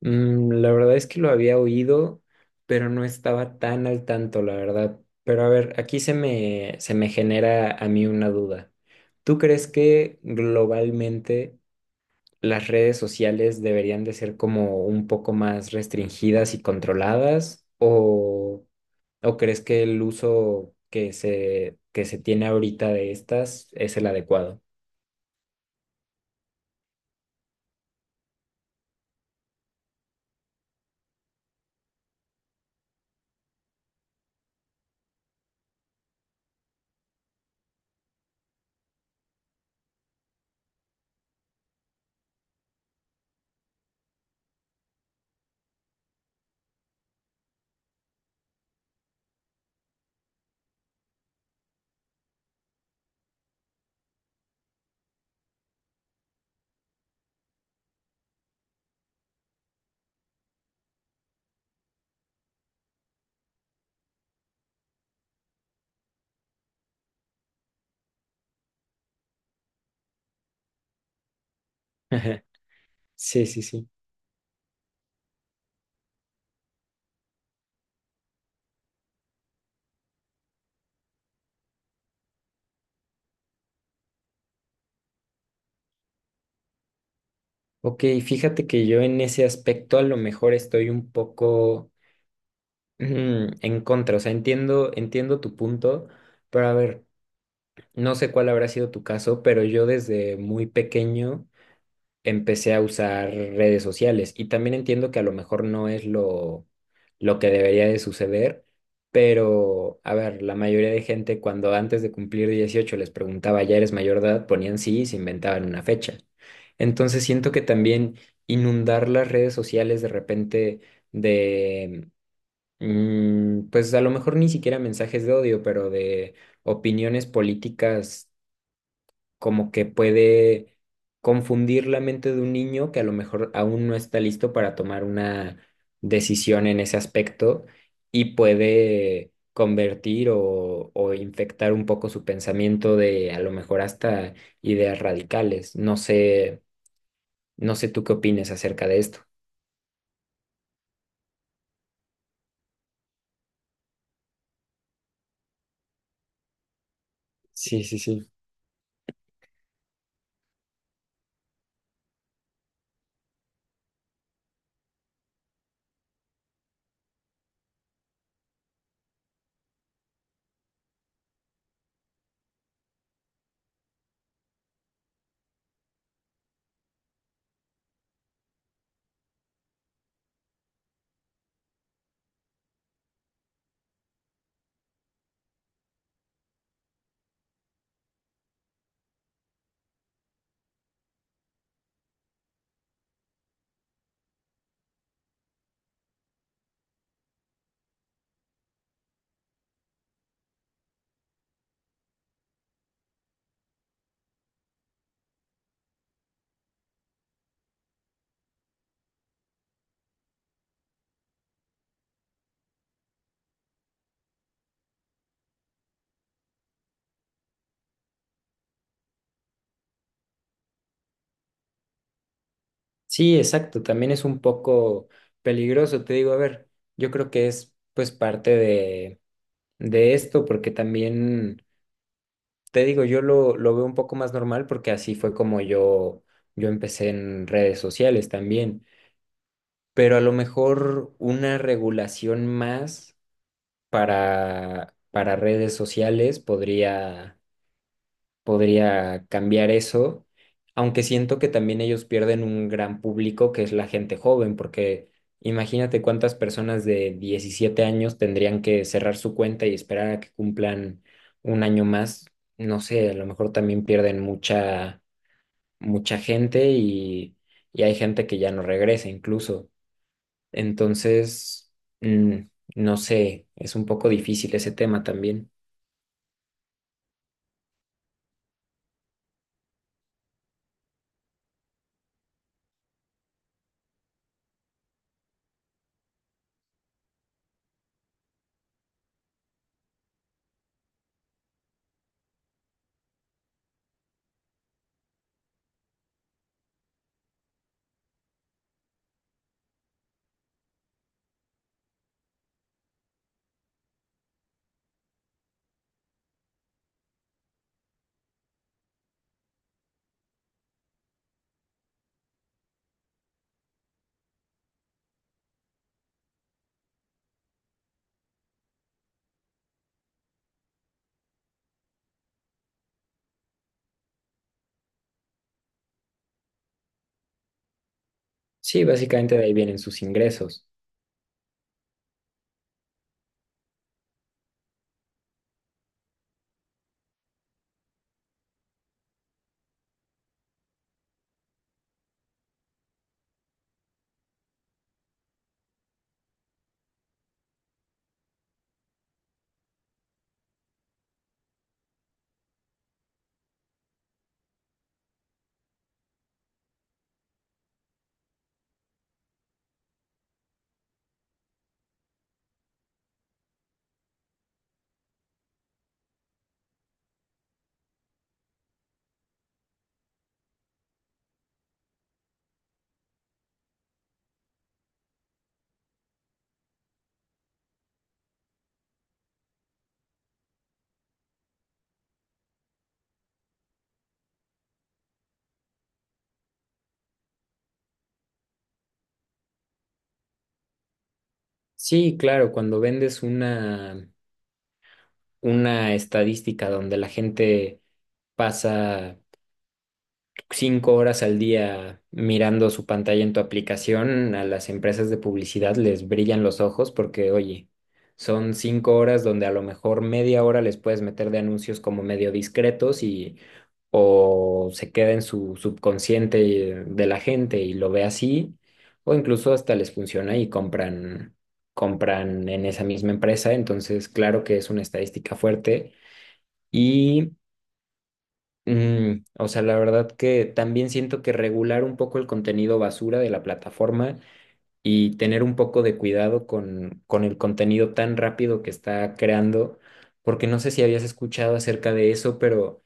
La verdad es que lo había oído, pero no estaba tan al tanto, la verdad. Pero a ver, aquí se me genera a mí una duda. ¿Tú crees que globalmente las redes sociales deberían de ser como un poco más restringidas y controladas? ¿O crees que el uso que se tiene ahorita de estas es el adecuado? Sí, sí, sí. Ok, fíjate que yo en ese aspecto a lo mejor estoy un poco, ujú, en contra, o sea, entiendo tu punto, pero a ver, no sé cuál habrá sido tu caso, pero yo desde muy pequeño empecé a usar redes sociales y también entiendo que a lo mejor no es lo que debería de suceder, pero a ver, la mayoría de gente cuando antes de cumplir 18 les preguntaba, ¿ya eres mayor de edad? Ponían sí y se inventaban una fecha. Entonces siento que también inundar las redes sociales de repente de pues a lo mejor ni siquiera mensajes de odio, pero de opiniones políticas como que puede confundir la mente de un niño que a lo mejor aún no está listo para tomar una decisión en ese aspecto y puede convertir o infectar un poco su pensamiento de a lo mejor hasta ideas radicales. No sé, no sé tú qué opinas acerca de esto. Sí, sí, sí. Sí, exacto, también es un poco peligroso, te digo, a ver, yo creo que es pues parte de esto, porque también, te digo, yo lo veo un poco más normal porque así fue como yo empecé en redes sociales también, pero a lo mejor una regulación más para redes sociales podría cambiar eso, aunque siento que también ellos pierden un gran público que es la gente joven, porque imagínate cuántas personas de 17 años tendrían que cerrar su cuenta y esperar a que cumplan un año más. No sé, a lo mejor también pierden mucha gente y hay gente que ya no regresa incluso. Entonces, mm, no sé, es un poco difícil ese tema también. Sí, básicamente de ahí vienen sus ingresos. Sí, claro, cuando vendes una estadística donde la gente pasa 5 horas al día mirando su pantalla en tu aplicación, a las empresas de publicidad les brillan los ojos porque, oye, son 5 horas donde a lo mejor media hora les puedes meter de anuncios como medio discretos y o se queda en su subconsciente de la gente y lo ve así, o incluso hasta les funciona y compran, en esa misma empresa. Entonces, claro que es una estadística fuerte. y o sea, la verdad que también siento que regular un poco el contenido basura de la plataforma y tener un poco de cuidado con el contenido tan rápido que está creando, porque no sé si habías escuchado acerca de eso, pero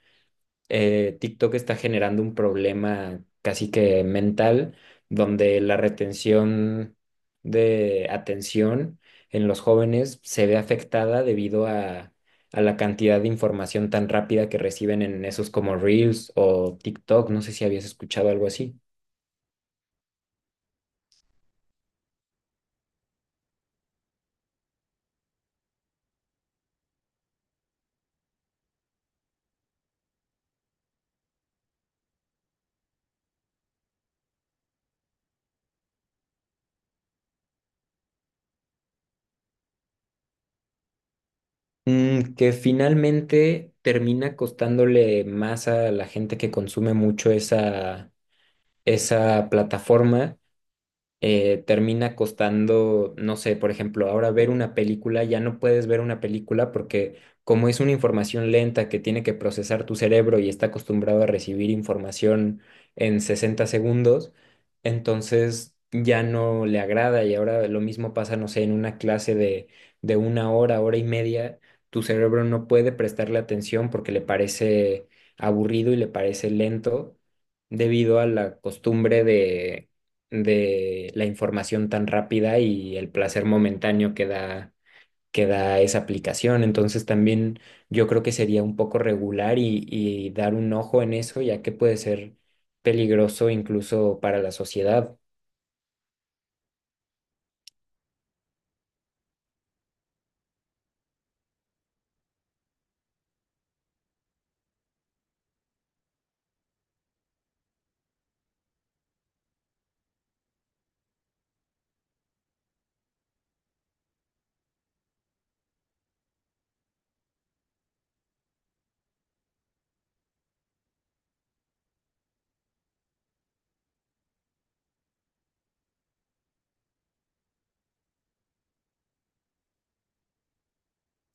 TikTok está generando un problema casi que mental, donde la retención de atención en los jóvenes se ve afectada debido a la cantidad de información tan rápida que reciben en esos como Reels o TikTok. No sé si habías escuchado algo así. Mm, que finalmente termina costándole más a la gente que consume mucho esa plataforma termina costando, no sé, por ejemplo, ahora ver una película, ya no puedes ver una película porque como es una información lenta que tiene que procesar tu cerebro y está acostumbrado a recibir información en 60 segundos, entonces ya no le agrada y ahora lo mismo pasa, no sé, en una clase de una hora, hora y media, tu cerebro no puede prestarle atención porque le parece aburrido y le parece lento debido a la costumbre de la información tan rápida y el placer momentáneo que da esa aplicación. Entonces también yo creo que sería un poco regular y dar un ojo en eso, ya que puede ser peligroso incluso para la sociedad.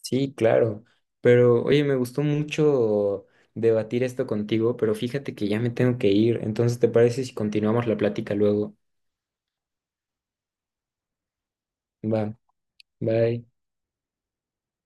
Sí, claro. Pero oye, me gustó mucho debatir esto contigo, pero fíjate que ya me tengo que ir. Entonces, ¿te parece si continuamos la plática luego? Va, bye.